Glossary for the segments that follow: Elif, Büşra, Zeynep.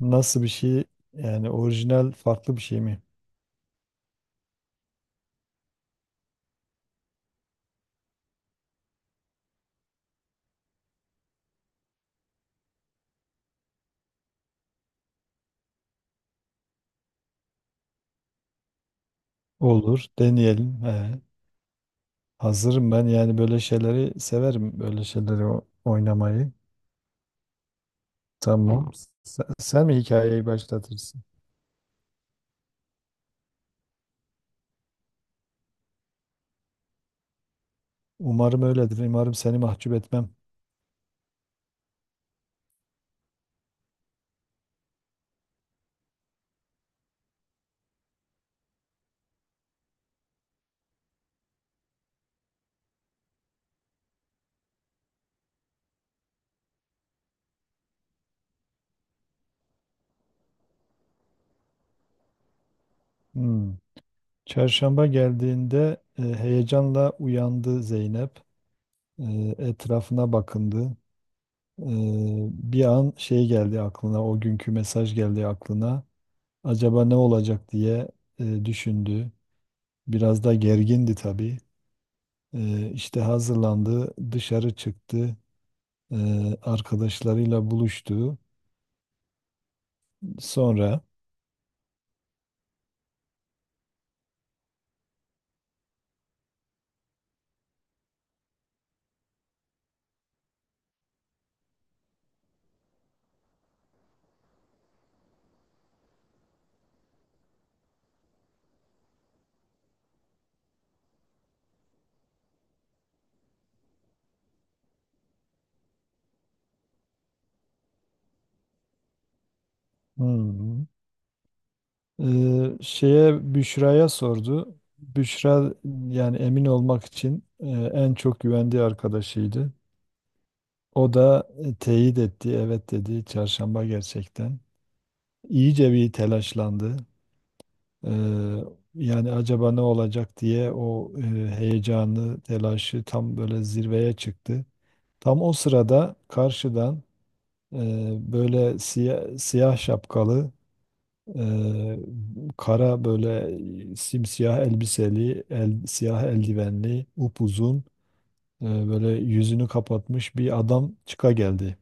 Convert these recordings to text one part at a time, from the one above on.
Nasıl bir şey yani orijinal farklı bir şey mi? Olur, deneyelim. He, hazırım ben, yani böyle şeyleri severim, böyle şeyleri oynamayı. Tamam. Sen mi hikayeyi başlatırsın? Umarım öyledir. Umarım seni mahcup etmem. Hmm. Çarşamba geldiğinde heyecanla uyandı Zeynep. E, Etrafına bakındı. E, Bir an şey geldi aklına, o günkü mesaj geldi aklına. Acaba ne olacak diye düşündü. Biraz da gergindi tabii. İşte hazırlandı, dışarı çıktı, arkadaşlarıyla buluştu. Sonra hmm, şeye, Büşra'ya sordu. Büşra, yani emin olmak için, en çok güvendiği arkadaşıydı. O da teyit etti, evet dedi. Çarşamba gerçekten. İyice bir telaşlandı. Ee, Yani acaba ne olacak diye o heyecanı, telaşı tam böyle zirveye çıktı. Tam o sırada karşıdan böyle siyah şapkalı, e, kara böyle simsiyah elbiseli, siyah eldivenli, upuzun, böyle yüzünü kapatmış bir adam çıka geldi.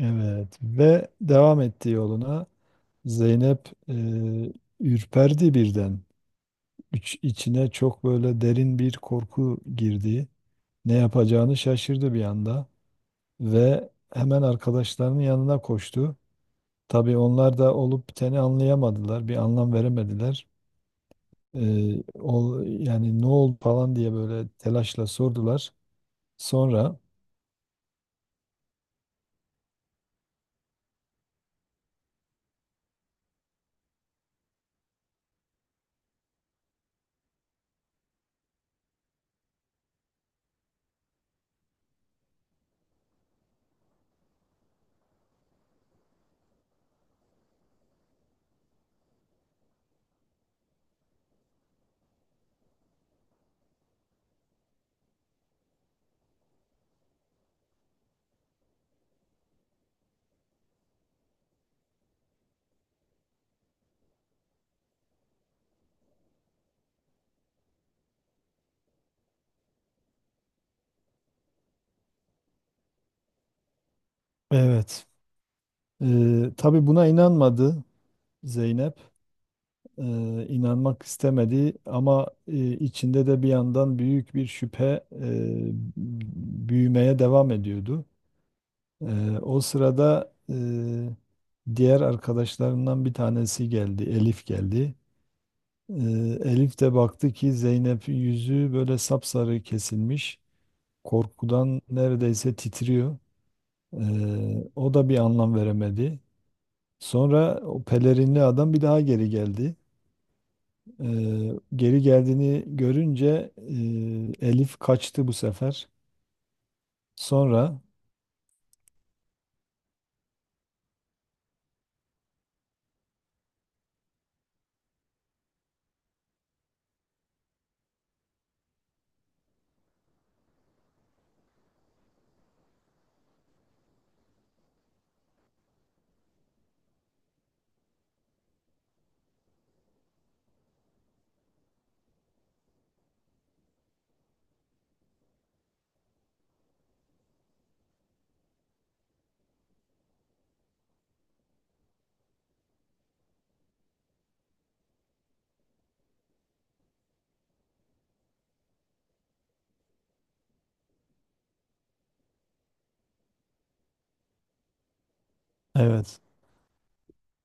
Evet ve devam etti yoluna. Zeynep ürperdi birden. İç, içine çok böyle derin bir korku girdi. Ne yapacağını şaşırdı bir anda ve hemen arkadaşlarının yanına koştu. Tabii onlar da olup biteni anlayamadılar, bir anlam veremediler. Yani ne oldu falan diye böyle telaşla sordular. Sonra evet, e, tabii buna inanmadı Zeynep. İnanmak istemedi ama içinde de bir yandan büyük bir şüphe, e, büyümeye devam ediyordu. O sırada diğer arkadaşlarından bir tanesi geldi, Elif geldi. Ee, Elif de baktı ki Zeynep yüzü böyle sapsarı kesilmiş, korkudan neredeyse titriyor. O da bir anlam veremedi. Sonra o pelerinli adam bir daha geri geldi. Geri geldiğini görünce Elif kaçtı bu sefer. Sonra evet.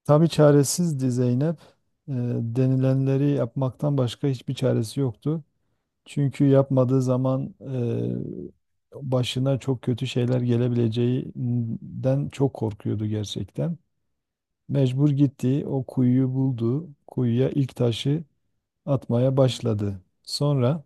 Tabii çaresizdi Zeynep. Ee, Denilenleri yapmaktan başka hiçbir çaresi yoktu. Çünkü yapmadığı zaman başına çok kötü şeyler gelebileceğinden çok korkuyordu gerçekten. Mecbur gitti, o kuyuyu buldu. Kuyuya ilk taşı atmaya başladı. Sonra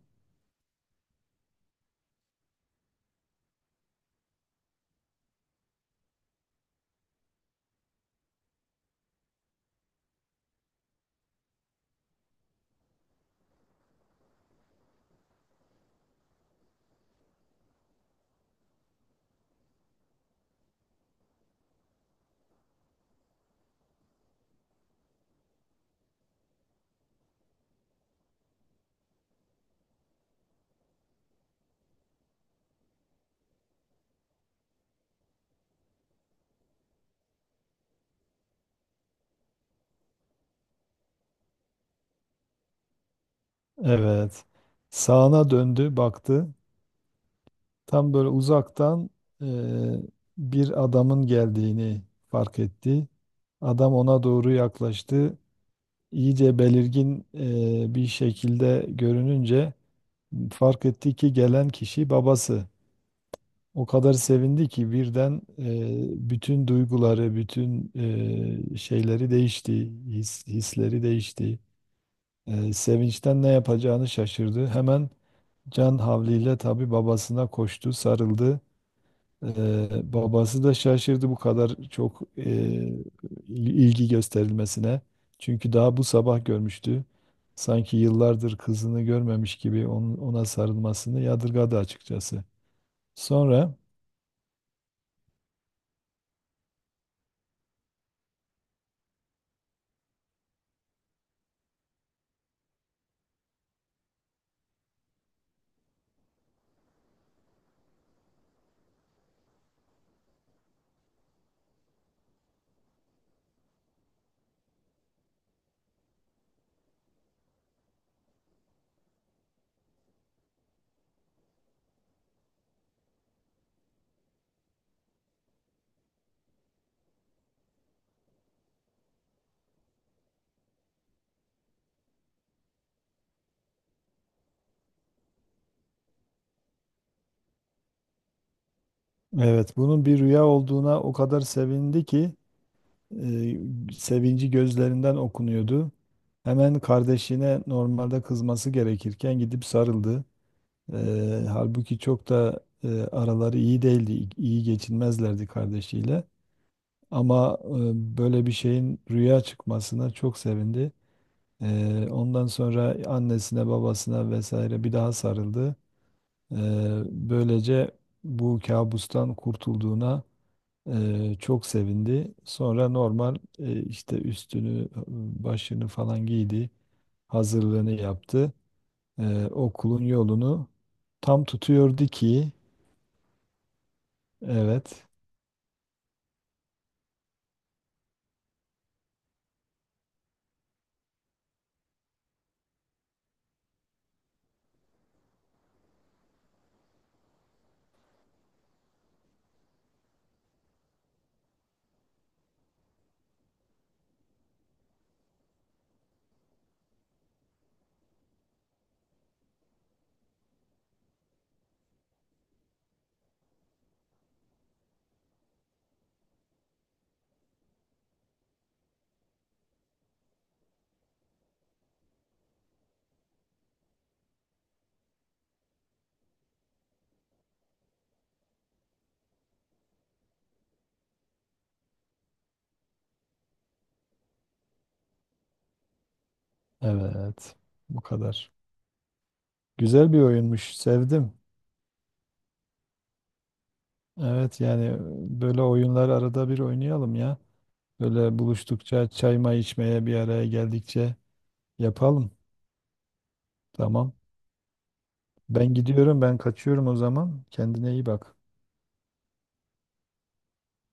evet, sağına döndü, baktı. Tam böyle uzaktan eee, bir adamın geldiğini fark etti. Adam ona doğru yaklaştı. İyice belirgin bir şekilde görününce fark etti ki gelen kişi babası. O kadar sevindi ki birden bütün duyguları, bütün şeyleri değişti, hisleri değişti. Sevinçten ne yapacağını şaşırdı. Hemen can havliyle tabii babasına koştu, sarıldı. Babası da şaşırdı bu kadar çok ilgi gösterilmesine. Çünkü daha bu sabah görmüştü. Sanki yıllardır kızını görmemiş gibi ona sarılmasını yadırgadı açıkçası. Sonra evet, bunun bir rüya olduğuna o kadar sevindi ki sevinci gözlerinden okunuyordu. Hemen kardeşine normalde kızması gerekirken gidip sarıldı. Halbuki çok da araları iyi değildi, iyi iyi geçinmezlerdi kardeşiyle. Ama böyle bir şeyin rüya çıkmasına çok sevindi. Ondan sonra annesine, babasına vesaire bir daha sarıldı. Böylece bu kabustan kurtulduğuna çok sevindi. Sonra normal işte üstünü, başını falan giydi, hazırlığını yaptı. Okulun yolunu tam tutuyordu ki, evet. Evet, bu kadar. Güzel bir oyunmuş, sevdim. Evet, yani böyle oyunlar arada bir oynayalım ya. Böyle buluştukça, çay may içmeye bir araya geldikçe yapalım. Tamam. Ben gidiyorum, ben kaçıyorum o zaman. Kendine iyi bak.